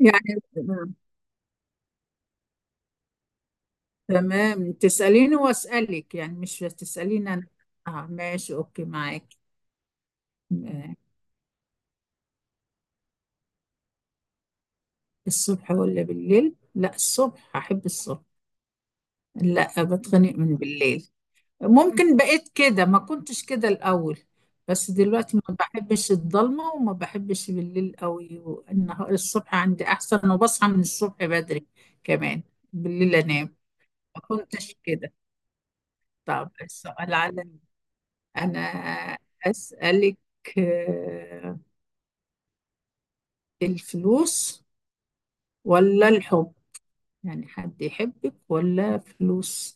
يعني تمام، تسأليني وأسألك. يعني مش تسأليني أنا. آه، ماشي، أوكي معاك. م- الصبح ولا بالليل؟ لا الصبح، أحب الصبح. لا بتخنق من بالليل. ممكن بقيت كده، ما كنتش كده الأول. بس دلوقتي ما بحبش الضلمة وما بحبش بالليل قوي، والنهار الصبح عندي أحسن، وبصحى من الصبح بدري كمان. بالليل أنام. ما كنتش كده. طب السؤال على أنا أسألك. آه، الفلوس ولا الحب؟ يعني حد يحبك ولا فلوس؟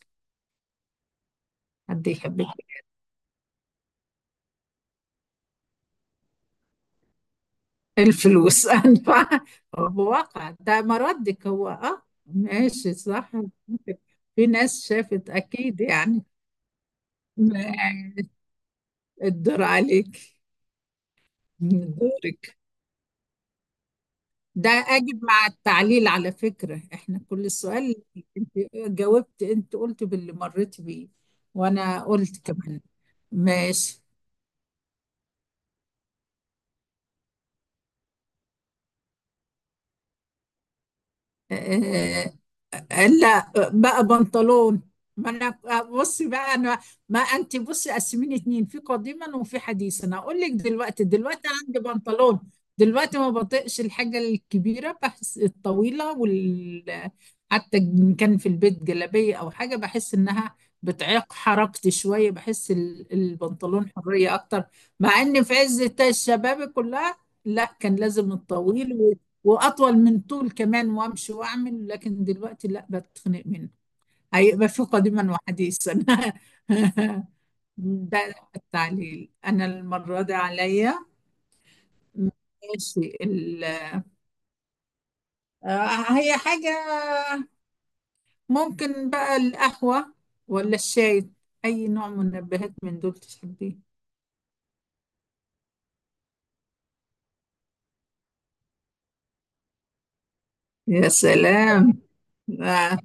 حد يحبك. الفلوس. أنا بواقع ده مردك، هو اه ماشي، صح. في ناس شافت أكيد يعني. ما- الدور عليك، دورك. ده أجب مع التعليل، على فكرة احنا كل السؤال، انت جاوبت، انت قلت باللي مريت بيه، وانا قلت كمان. ماشي. آه، لا بقى بنطلون. ما انا بصي بقى انا، ما انت بصي قسميني اتنين، في قديما وفي حديثا. اقول لك دلوقتي، دلوقتي عندي بنطلون. دلوقتي ما بطيقش الحاجه الكبيره، بحس الطويله، حتى ان كان في البيت جلابيه او حاجه، بحس انها بتعيق حركتي شويه. بحس البنطلون حريه اكتر. مع ان في عز الشباب كلها، لا كان لازم الطويل، واطول من طول كمان، وامشي واعمل. لكن دلوقتي لا، بتخنق منه. هيبقى في قديما وحديثا. ده التعليل، انا المره دي عليا. ماشي. ال... آه، هي حاجه، ممكن بقى القهوه ولا الشاي؟ اي نوع منبهات من دول تحبيه؟ يا سلام. آه،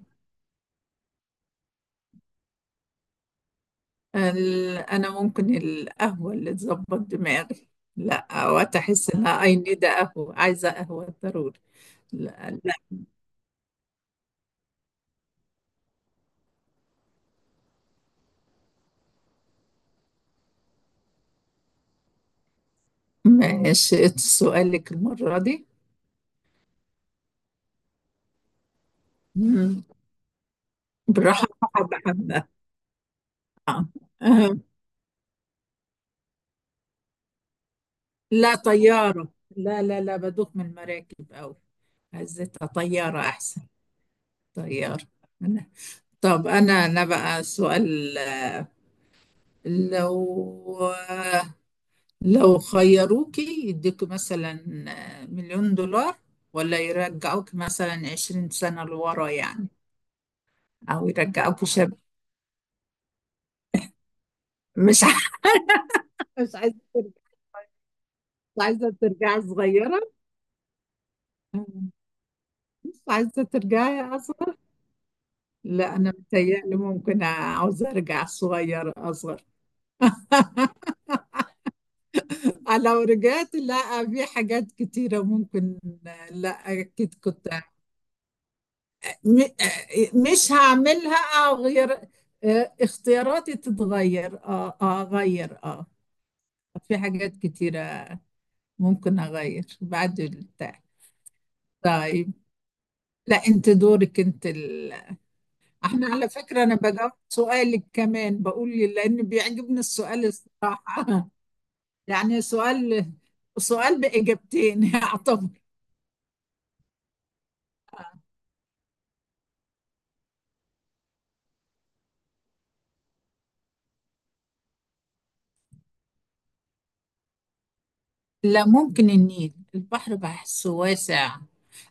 انا ممكن القهوه، اللي تظبط دماغي. لا وقت احس انها اي نيد قهوه، عايزه قهوه ضروري. لا لا. ماشي سؤالك المرة دي. مم. بالراحة، حبة حبة. آه. آه. لا طيارة، لا لا لا، بدوخ من المراكب أوي. عزتها طيارة أحسن. طيارة أنا. طب أنا بقى سؤال. لو خيروكي يديكوا مثلا 1,000,000 دولار، ولا يرجعوك مثلا 20 سنة لورا يعني، أو يرجعوك شاب. مش عارفة. مش عايزة. مش عايزة ترجعي صغيرة. مم. مش عايزة ترجعي أصغر. لا أنا متهيألي ممكن عاوزة أرجع صغيرة أصغر. لو رجعت، لا في حاجات كتيرة ممكن. لا أكيد كنت. م- مش هعملها، أو غير اختياراتي، تتغير اه، آه، اغير اه. في حاجات كتيرة ممكن اغير بعد البتاع. طيب. لا انت دورك انت. احنا على فكرة انا بجاوب سؤالك كمان، بقول لي لان بيعجبني السؤال الصراحة. يعني سؤال بإجابتين، يعتبر. لا ممكن النيل. البحر بحسه واسع.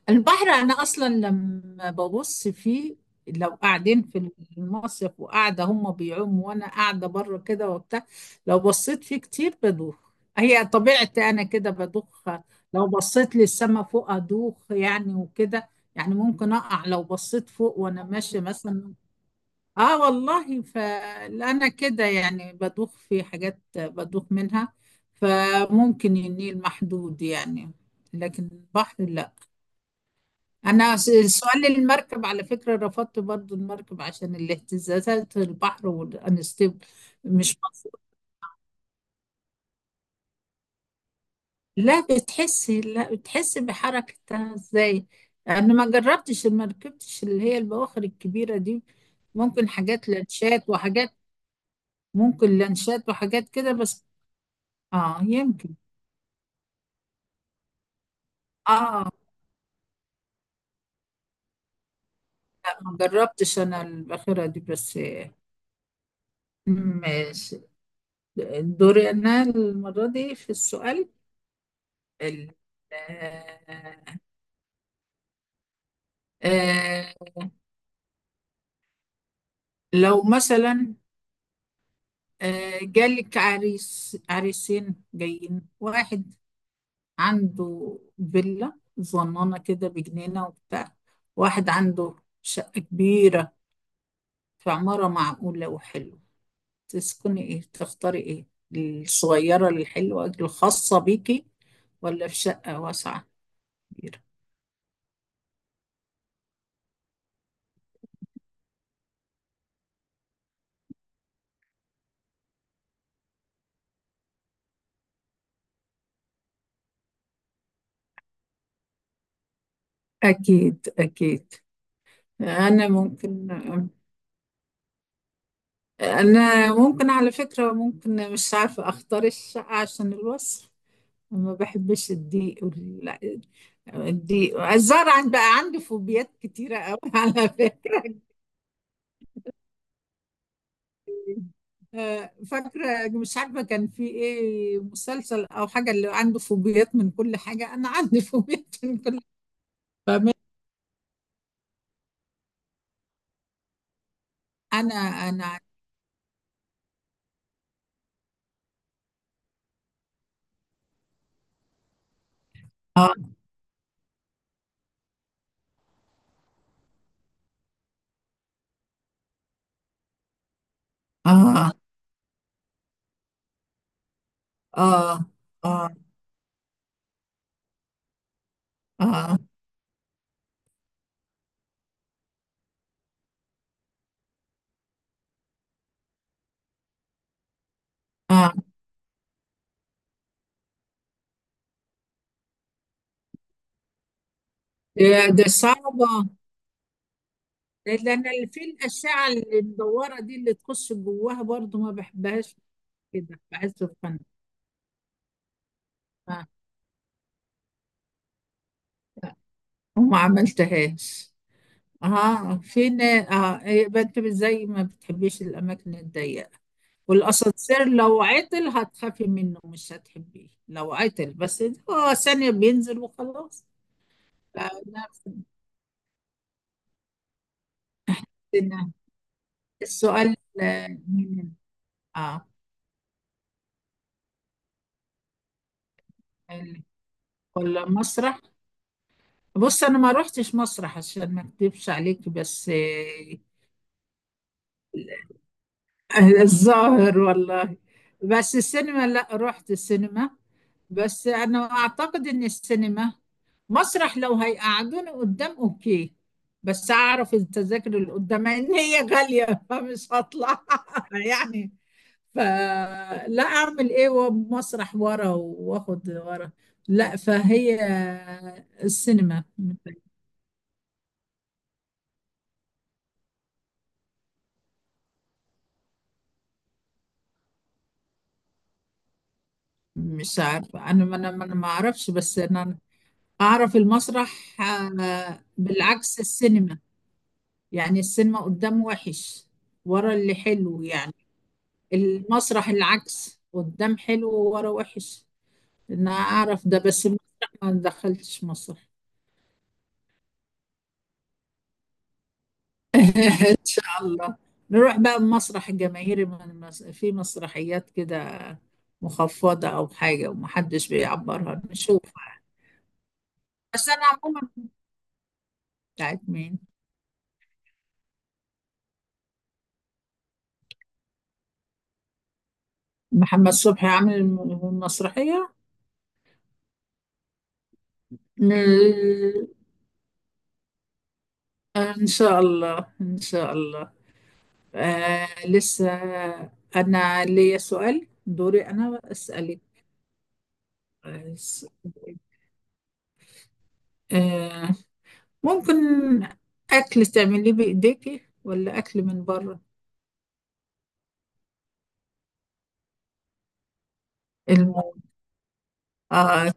البحر انا اصلا لما ببص فيه، لو قاعدين في المصيف وقاعده هم بيعوموا وانا قاعده بره كده وبتاع، لو بصيت فيه كتير بدوخ. هي طبيعتي انا كده بدوخ. لو بصيت للسما فوق ادوخ يعني، وكده يعني، ممكن اقع لو بصيت فوق وانا ماشيه مثلا. اه والله، فانا كده يعني بدوخ، في حاجات بدوخ منها. فممكن النيل محدود يعني، لكن البحر لا. انا سؤال المركب على فكرة رفضت برضو المركب، عشان الاهتزازات، البحر والانستيبل. مش مفروض؟ لا بتحسي، لا بتحسي بحركتها ازاي. انا ما جربتش، ما ركبتش اللي هي البواخر الكبيرة دي. ممكن حاجات لانشات وحاجات، ممكن لانشات وحاجات كده بس. اه يمكن. اه، لا ما جربتش انا الاخيره دي بس. ماشي. دوري انا المره دي في السؤال. ال- آه آه لو مثلا، جالك عريس، عريسين جايين. واحد عنده فيلا صغننه كده بجنينه وبتاع، واحد عنده شقه كبيره في عماره معقوله وحلوه. تسكني ايه، تختاري ايه؟ الصغيره الحلوه الخاصه بيكي، ولا في شقة واسعة كبيرة؟ أكيد أكيد. أنا ممكن أنا ممكن على فكرة، ممكن مش عارفة أختار الشقة عشان الوصف. ما بحبش الضيق الضيق، الزرع. بقى عندي فوبيات كتيرة أوي، على فكرة. آه، فاكرة مش عارفة كان في إيه مسلسل أو حاجة اللي عنده فوبيات من كل حاجة، أنا عندي فوبيات من كل حاجة. أنا آه آه آه آه آه آه. ده ده صعبة. آه، لأن أنا اللي في الأشعة اللي مدورة دي، اللي تخش جواها برضو ما بحبهاش، كده بحس القناة. آه، وما عملتهاش. اه فين، اه يبقى انت زي ما بتحبيش الأماكن الضيقة. والأسانسير لو عطل هتخافي منه، مش هتحبيه لو عطل. بس هو ثانية بينزل وخلاص. فنفس السؤال، آه، من اه ال- ولا مسرح؟ بص انا ما روحتش مسرح عشان ما اكدبش عليك، بس آه، الظاهر والله. بس السينما لا، رحت السينما. بس انا اعتقد ان السينما، مسرح لو هيقعدوني قدام اوكي، بس اعرف التذاكر اللي قدام ان هي غالية، فمش هطلع يعني، فلا اعمل ايه. ومسرح ورا واخد ورا لا. فهي السينما. مش عارفة أنا ما أنا ما أنا ما أعرفش، بس أنا أعرف المسرح، آه، بالعكس السينما. يعني السينما قدام وحش، ورا اللي حلو يعني. المسرح العكس، قدام حلو وورا وحش. أنا أعرف ده، بس المسرح ما دخلتش مسرح. إن شاء الله نروح بقى المسرح الجماهيري، في مسرحيات كده مخفضة أو حاجة ومحدش بيعبرها، نشوف. بس أنا عموما، بتاعت مين؟ محمد صبحي عامل مسرحية. م- إن شاء الله إن شاء الله. آه لسه، أنا ليا سؤال دوري، أنا أسألك. آه س- آه، ممكن أكل تعمليه بإيديكي، ولا أكل من بره؟ الم... آه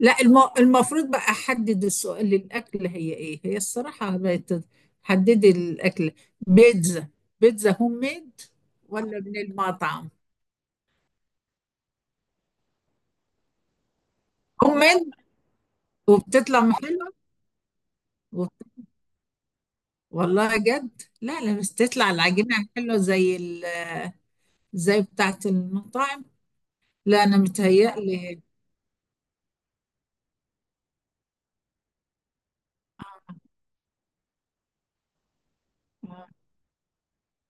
لا الم... المفروض بقى أحدد السؤال للأكل، هي إيه هي الصراحة حددي الأكل، بيتزا. بيتزا هوم ميد ولا من المطعم؟ هوميد، وبتطلع حلوه؟ وبت- والله جد، لا لا مش تطلع العجينه حلوه زي زي بتاعه المطاعم. لا انا متهيألي. آه،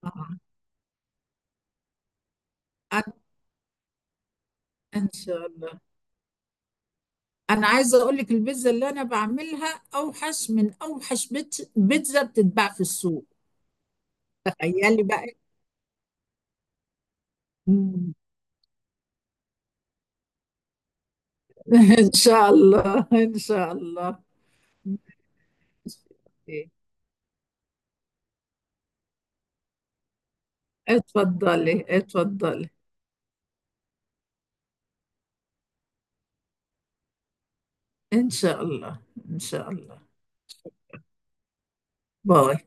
آه. أنا إن شاء الله. أنا عايزة أقول لك، البيتزا اللي أنا بعملها أوحش من أوحش بيتزا بتتباع في السوق. تخيلي بقى. مم. إن شاء الله إن شاء الله. ماشي. أوكي. اتفضلي اتفضلي. إن شاء الله إن شاء الله. باي.